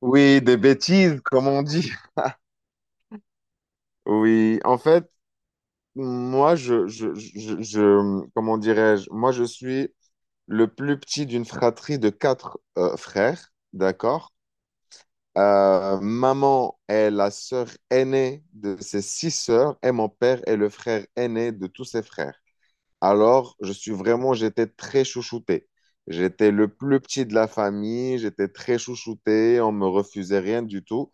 Oui, des bêtises, comme on dit. Oui, en fait, moi, comment dirais-je, moi, je suis le plus petit d'une fratrie de quatre frères, d'accord? Maman est la sœur aînée de ses six sœurs et mon père est le frère aîné de tous ses frères. Alors, je suis vraiment, j'étais très chouchouté. J'étais le plus petit de la famille, j'étais très chouchouté, on me refusait rien du tout.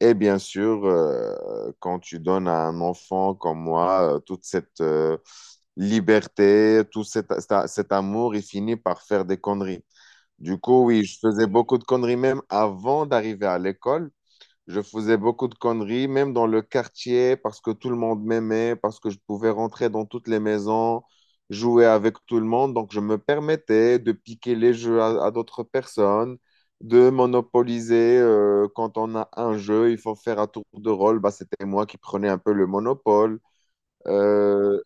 Et bien sûr, quand tu donnes à un enfant comme moi toute cette liberté, tout cet amour, il finit par faire des conneries. Du coup, oui, je faisais beaucoup de conneries même avant d'arriver à l'école. Je faisais beaucoup de conneries, même dans le quartier, parce que tout le monde m'aimait, parce que je pouvais rentrer dans toutes les maisons, jouer avec tout le monde. Donc, je me permettais de piquer les jeux à d'autres personnes, de monopoliser. Quand on a un jeu, il faut faire un tour de rôle. Bah, c'était moi qui prenais un peu le monopole. Euh,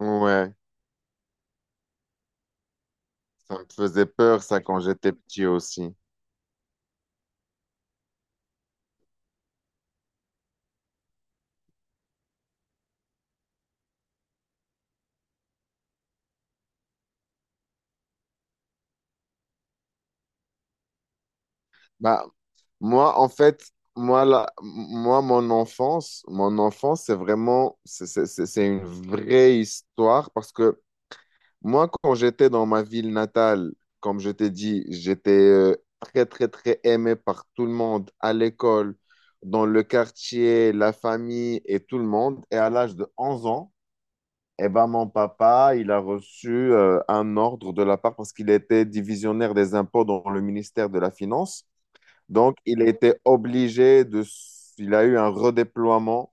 ouais, ça me faisait peur, ça, quand j'étais petit aussi. Bah, moi, en fait, moi, là, moi, mon enfance, c'est vraiment, c'est une vraie histoire parce que moi, quand j'étais dans ma ville natale, comme je t'ai dit, j'étais très, très, très aimé par tout le monde à l'école, dans le quartier, la famille et tout le monde. Et à l'âge de 11 ans, eh ben, mon papa, il a reçu un ordre de la part parce qu'il était divisionnaire des impôts dans le ministère de la Finance. Donc, il a été obligé de... Il a eu un redéploiement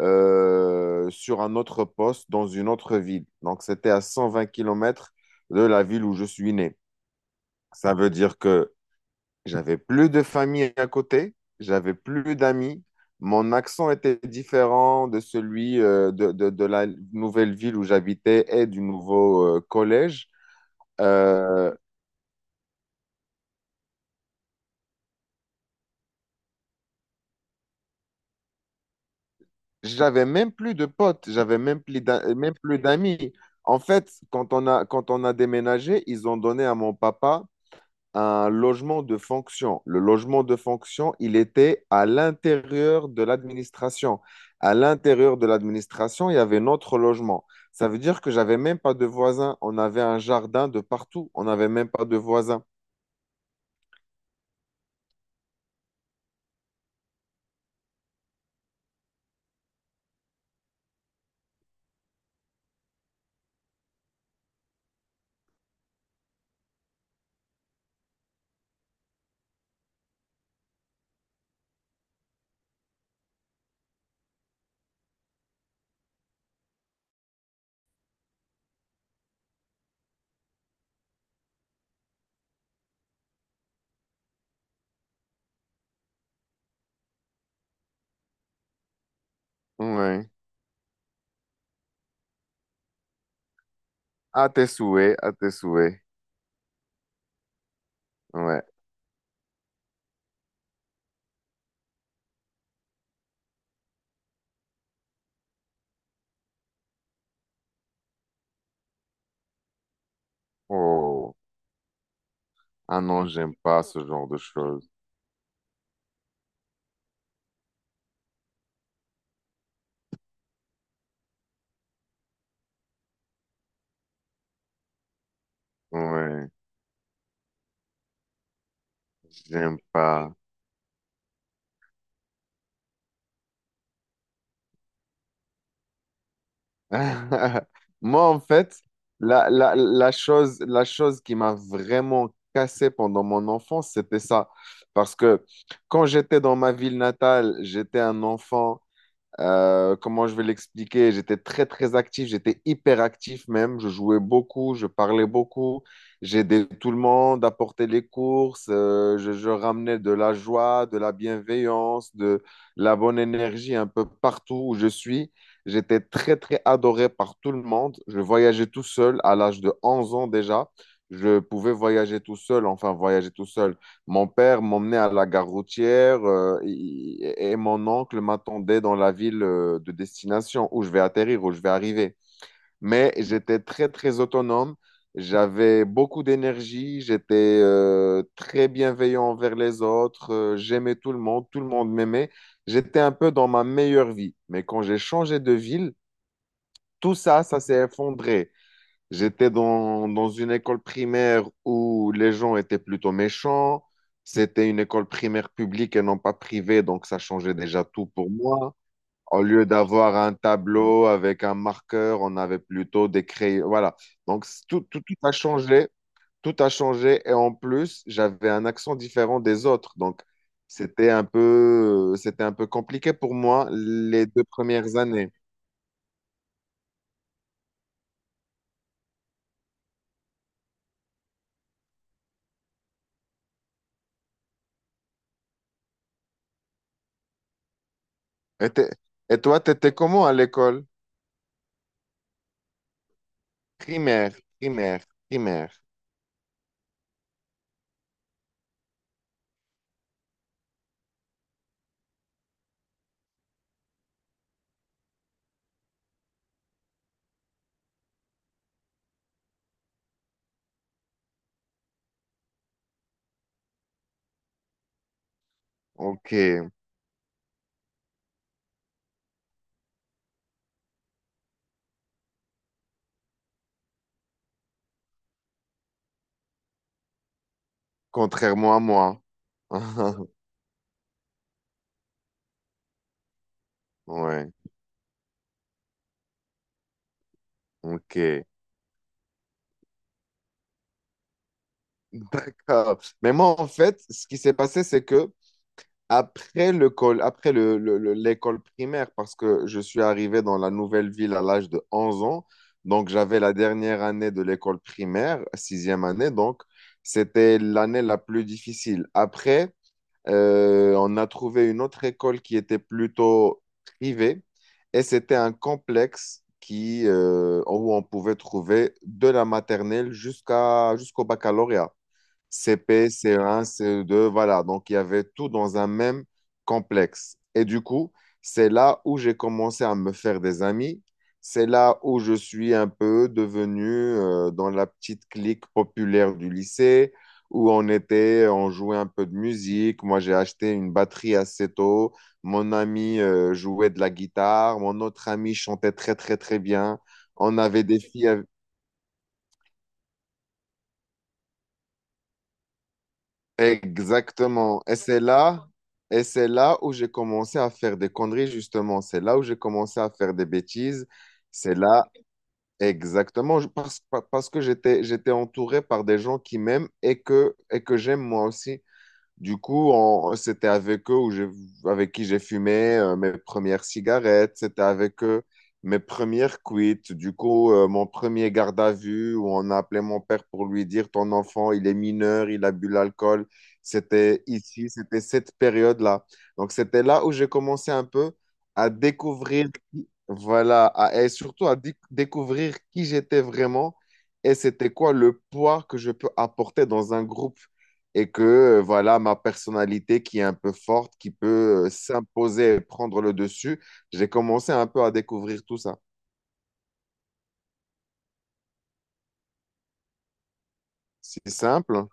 sur un autre poste dans une autre ville. Donc, c'était à 120 km de la ville où je suis né. Ça veut dire que j'avais plus de famille à côté, j'avais plus d'amis. Mon accent était différent de celui de la nouvelle ville où j'habitais et du nouveau collège. Euh, J'avais même plus de potes, j'avais même plus même plus d'amis. En fait, quand on a déménagé, ils ont donné à mon papa un logement de fonction. Le logement de fonction, il était à l'intérieur de l'administration. À l'intérieur de l'administration, il y avait notre logement. Ça veut dire que j'avais même pas de voisins. On avait un jardin de partout. On n'avait même pas de voisins. Ouais. À tes souhaits, à tes souhaits. Ouais. Oh. Ah non, j'aime pas ce genre de choses. Ouais. J'aime pas. Moi, en fait, la chose qui m'a vraiment cassé pendant mon enfance, c'était ça. Parce que quand j'étais dans ma ville natale, j'étais un enfant. Comment je vais l'expliquer? J'étais très, très actif, j'étais hyper actif même. Je jouais beaucoup, je parlais beaucoup, j'aidais tout le monde à porter les courses, je ramenais de la joie, de la bienveillance, de la bonne énergie un peu partout où je suis. J'étais très, très adoré par tout le monde. Je voyageais tout seul à l'âge de 11 ans déjà. Je pouvais voyager tout seul, enfin voyager tout seul. Mon père m'emmenait à la gare routière et mon oncle m'attendait dans la ville de destination où je vais atterrir, où je vais arriver. Mais j'étais très, très autonome. J'avais beaucoup d'énergie. J'étais très bienveillant envers les autres. J'aimais tout le monde. Tout le monde m'aimait. J'étais un peu dans ma meilleure vie. Mais quand j'ai changé de ville, tout ça, ça s'est effondré. J'étais dans une école primaire où les gens étaient plutôt méchants. C'était une école primaire publique et non pas privée, donc ça changeait déjà tout pour moi. Au lieu d'avoir un tableau avec un marqueur, on avait plutôt des crayons. Voilà. Donc tout, tout, tout a changé. Tout a changé. Et en plus, j'avais un accent différent des autres. Donc c'était un peu compliqué pour moi les 2 premières années. Et, et toi, t'étais comment à l'école? Primaire, primaire, primaire. OK. Contrairement à moi. Ouais, OK. D'accord. Mais moi, en fait, ce qui s'est passé, c'est que après après l'école primaire, parce que je suis arrivé dans la nouvelle ville à l'âge de 11 ans, donc j'avais la dernière année de l'école primaire, sixième année, donc c'était l'année la plus difficile. Après, on a trouvé une autre école qui était plutôt privée et c'était un complexe où on pouvait trouver de la maternelle jusqu'au baccalauréat. CP, CE1, CE2, voilà. Donc, il y avait tout dans un même complexe. Et du coup, c'est là où j'ai commencé à me faire des amis. C'est là où je suis un peu devenu dans la petite clique populaire du lycée, où on était, on jouait un peu de musique. Moi, j'ai acheté une batterie assez tôt. Mon ami jouait de la guitare. Mon autre ami chantait très, très, très bien. On avait des filles. Exactement. Et c'est là où j'ai commencé à faire des conneries, justement. C'est là où j'ai commencé à faire des bêtises. C'est là, exactement, parce que j'étais entouré par des gens qui m'aiment et que j'aime moi aussi. Du coup, c'était avec eux avec qui j'ai fumé mes premières cigarettes, c'était avec eux mes premières cuites. Du coup, mon premier garde à vue où on a appelé mon père pour lui dire ton enfant, il est mineur, il a bu l'alcool. C'était ici, c'était cette période-là. Donc, c'était là où j'ai commencé un peu à découvrir, voilà, et surtout à découvrir qui j'étais vraiment et c'était quoi le poids que je peux apporter dans un groupe et que voilà ma personnalité qui est un peu forte, qui peut s'imposer et prendre le dessus. J'ai commencé un peu à découvrir tout ça. C'est simple, hein.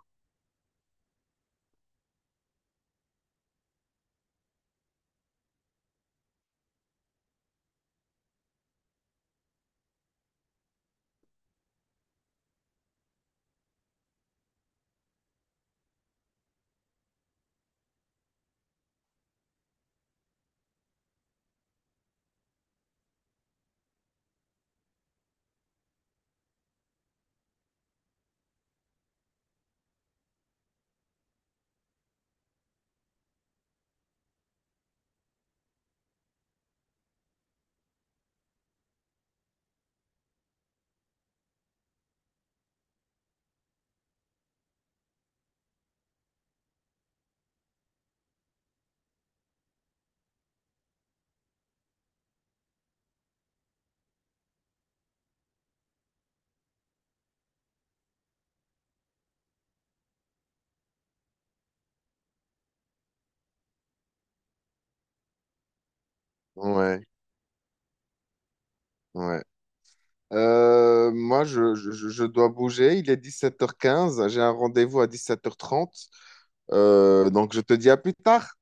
Ouais, ouais. Moi, je dois bouger. Il est 17h15. J'ai un rendez-vous à 17h30. Donc, je te dis à plus tard.